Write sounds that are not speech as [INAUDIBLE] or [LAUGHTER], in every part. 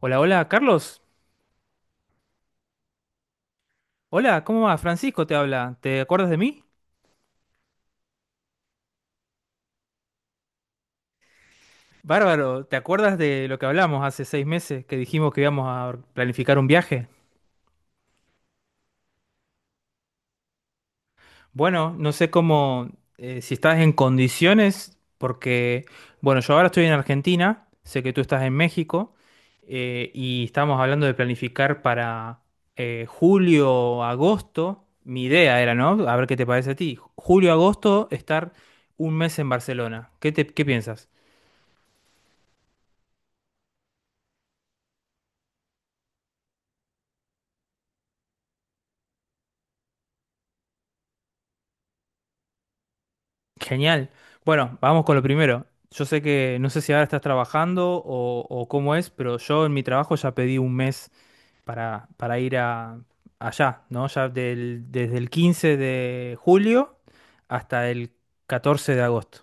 Hola, hola, Carlos. Hola, ¿cómo va? Francisco te habla. ¿Te acuerdas de mí? Bárbaro, ¿te acuerdas de lo que hablamos hace 6 meses que dijimos que íbamos a planificar un viaje? Bueno, no sé cómo, si estás en condiciones, porque, bueno, yo ahora estoy en Argentina, sé que tú estás en México, y estamos hablando de planificar para julio, agosto. Mi idea era, ¿no? A ver qué te parece a ti. Julio, agosto, estar un mes en Barcelona. ¿Qué piensas? Genial. Bueno, vamos con lo primero. Yo sé que no sé si ahora estás trabajando o cómo es, pero yo en mi trabajo ya pedí un mes para ir allá, ¿no? Ya desde el 15 de julio hasta el 14 de agosto.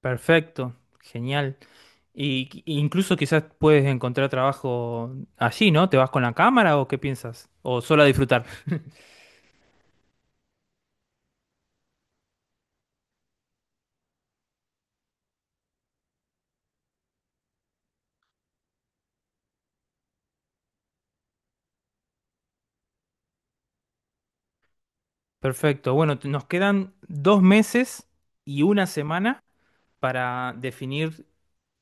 Perfecto, genial. Y incluso quizás puedes encontrar trabajo allí, ¿no? ¿Te vas con la cámara o qué piensas? ¿O solo a disfrutar? [LAUGHS] Perfecto. Bueno, nos quedan 2 meses y una semana para definir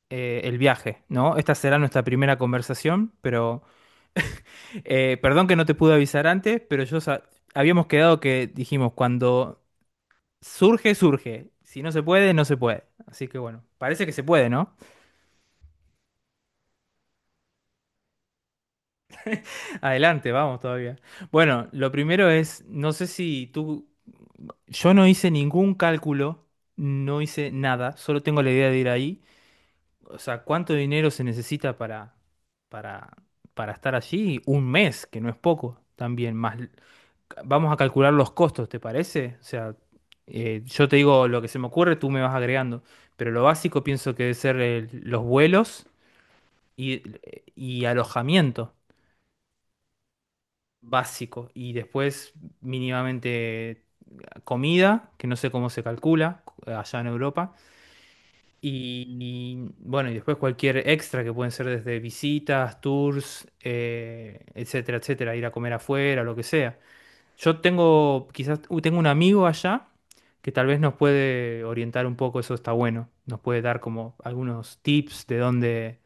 el viaje, ¿no? Esta será nuestra primera conversación, pero perdón que no te pude avisar antes, pero habíamos quedado que dijimos, cuando surge, surge. Si no se puede, no se puede. Así que bueno, parece que se puede, ¿no? [LAUGHS] Adelante, vamos todavía. Bueno, lo primero es, no sé si tú, yo no hice ningún cálculo, no hice nada, solo tengo la idea de ir ahí. O sea, ¿cuánto dinero se necesita para, para estar allí? Un mes, que no es poco, también más. Vamos a calcular los costos, ¿te parece? O sea, yo te digo lo que se me ocurre, tú me vas agregando. Pero lo básico pienso que debe ser los vuelos y, y alojamiento básico. Y después mínimamente comida, que no sé cómo se calcula allá en Europa. Y bueno, y después cualquier extra que pueden ser desde visitas, tours, etcétera, etcétera, ir a comer afuera, lo que sea. Yo tengo, quizás, tengo un amigo allá que tal vez nos puede orientar un poco, eso está bueno. Nos puede dar como algunos tips de dónde,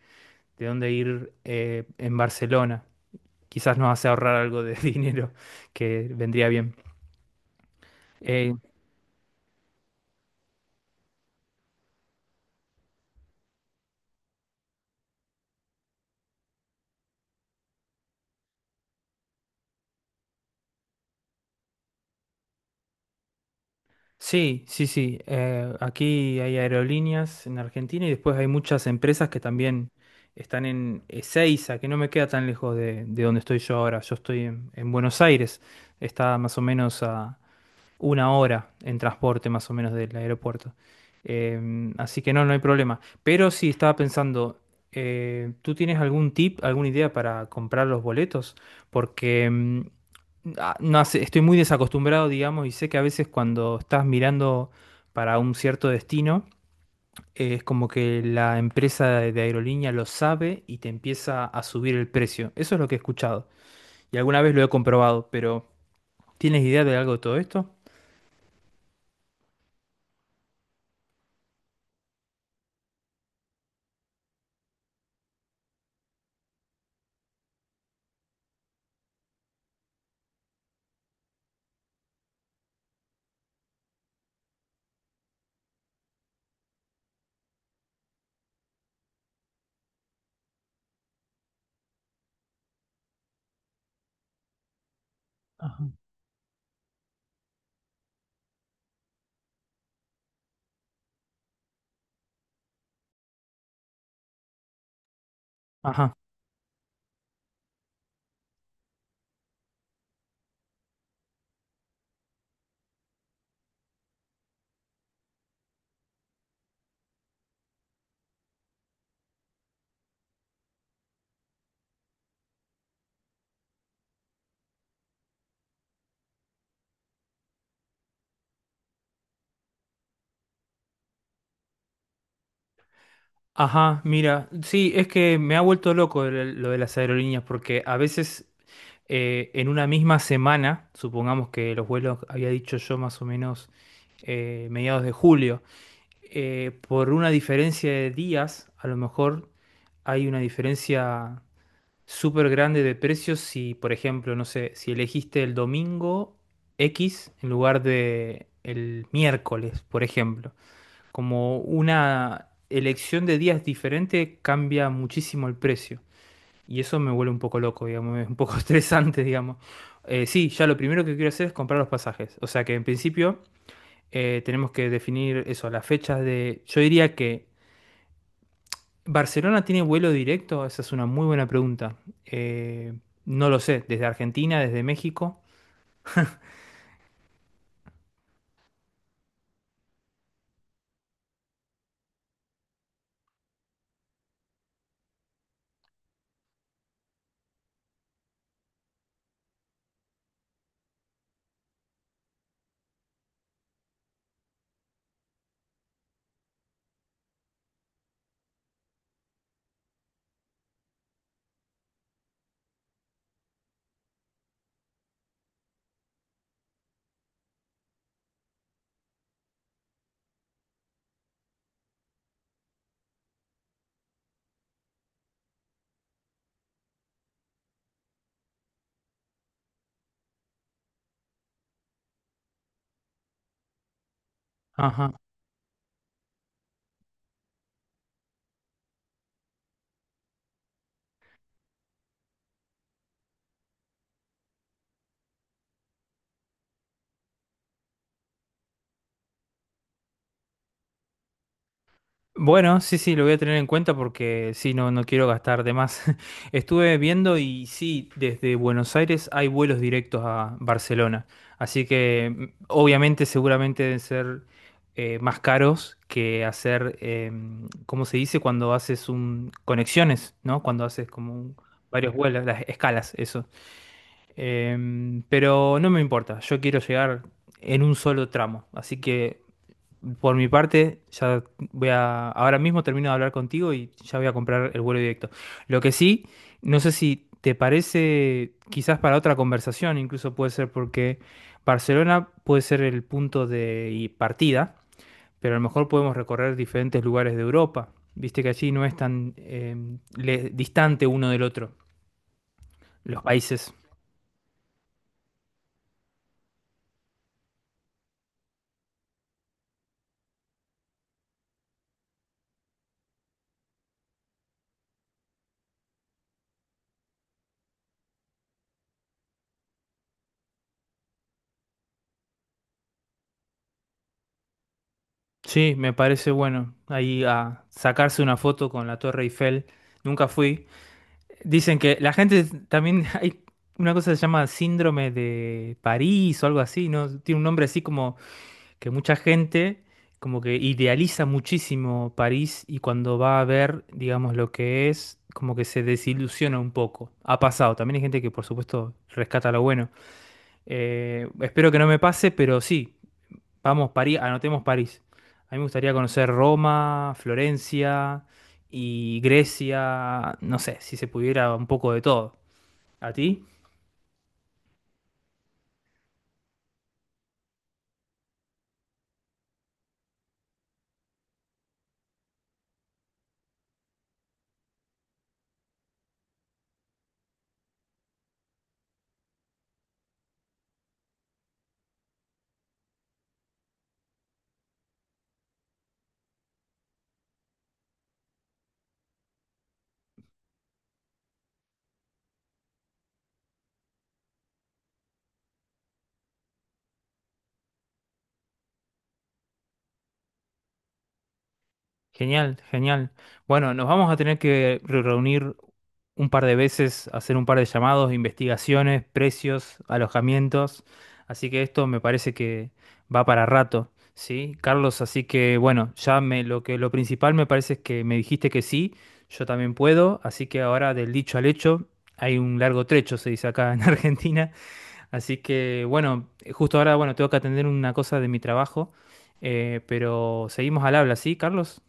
de dónde ir en Barcelona. Quizás nos hace ahorrar algo de [LAUGHS] dinero que vendría bien. Eh, Sí, sí, sí. Aquí hay aerolíneas en Argentina y después hay muchas empresas que también están en Ezeiza, que no me queda tan lejos de donde estoy yo ahora. Yo estoy en Buenos Aires. Está más o menos a una hora en transporte más o menos del aeropuerto. Así que no, no hay problema. Pero sí, estaba pensando, ¿tú tienes algún tip, alguna idea para comprar los boletos? Porque ah, no sé, estoy muy desacostumbrado, digamos, y sé que a veces cuando estás mirando para un cierto destino, es como que la empresa de aerolínea lo sabe y te empieza a subir el precio. Eso es lo que he escuchado y alguna vez lo he comprobado, pero ¿tienes idea de algo de todo esto? Ajá. Ajá, ajá, mira, sí, es que me ha vuelto loco lo de las aerolíneas porque a veces en una misma semana, supongamos que los vuelos había dicho yo más o menos mediados de julio, por una diferencia de días, a lo mejor hay una diferencia súper grande de precios si, por ejemplo, no sé, si elegiste el domingo X en lugar de el miércoles, por ejemplo. Como una elección de días diferente cambia muchísimo el precio. Y eso me vuelve un poco loco, digamos, [LAUGHS] es un poco [LAUGHS] estresante, digamos. Sí, ya lo primero que quiero hacer es comprar los pasajes. O sea que en principio tenemos que definir eso, las fechas. Yo diría que Barcelona tiene vuelo directo, esa es una muy buena pregunta. Eh, no lo sé, desde Argentina, desde México. Ajá. Bueno, sí, sí, lo voy a tener en cuenta porque sí, no, no quiero gastar de más. [LAUGHS] Estuve viendo y sí, desde Buenos Aires hay vuelos directos a Barcelona. Así que obviamente seguramente deben ser más caros que hacer, ¿cómo se dice? Cuando haces conexiones, ¿no? Cuando haces como varios vuelos, las escalas, eso. Pero no me importa, yo quiero llegar en un solo tramo. Así que por mi parte, ya ahora mismo termino de hablar contigo y ya voy a comprar el vuelo directo. Lo que sí, no sé si te parece, quizás para otra conversación, incluso puede ser porque Barcelona puede ser el punto de y partida, pero a lo mejor podemos recorrer diferentes lugares de Europa. Viste que allí no es tan distante uno del otro, los países. Sí, me parece bueno. Ahí a sacarse una foto con la Torre Eiffel. Nunca fui. Dicen que la gente también [LAUGHS] hay una cosa que se llama síndrome de París o algo así, ¿no? Tiene un nombre así como que mucha gente como que idealiza muchísimo París y cuando va a ver, digamos, lo que es, como que se desilusiona un poco. Ha pasado. También hay gente que, por supuesto, rescata lo bueno. Espero que no me pase, pero sí, vamos, París, anotemos París. A mí me gustaría conocer Roma, Florencia y Grecia, no sé, si se pudiera un poco de todo. ¿A ti? Genial, genial. Bueno, nos vamos a tener que reunir un par de veces, hacer un par de llamados, investigaciones, precios, alojamientos. Así que esto me parece que va para rato, ¿sí? Carlos, así que bueno, ya me, lo que, lo principal me parece es que me dijiste que sí, yo también puedo, así que ahora del dicho al hecho hay un largo trecho, se dice acá en [LAUGHS] Argentina. Así que bueno, justo ahora bueno, tengo que atender una cosa de mi trabajo, pero seguimos al habla, ¿sí, Carlos?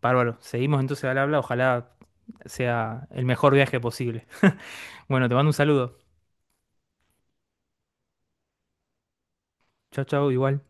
Bárbaro, seguimos entonces al habla, ojalá sea el mejor viaje posible. Bueno, te mando un saludo. Chao, chao, igual.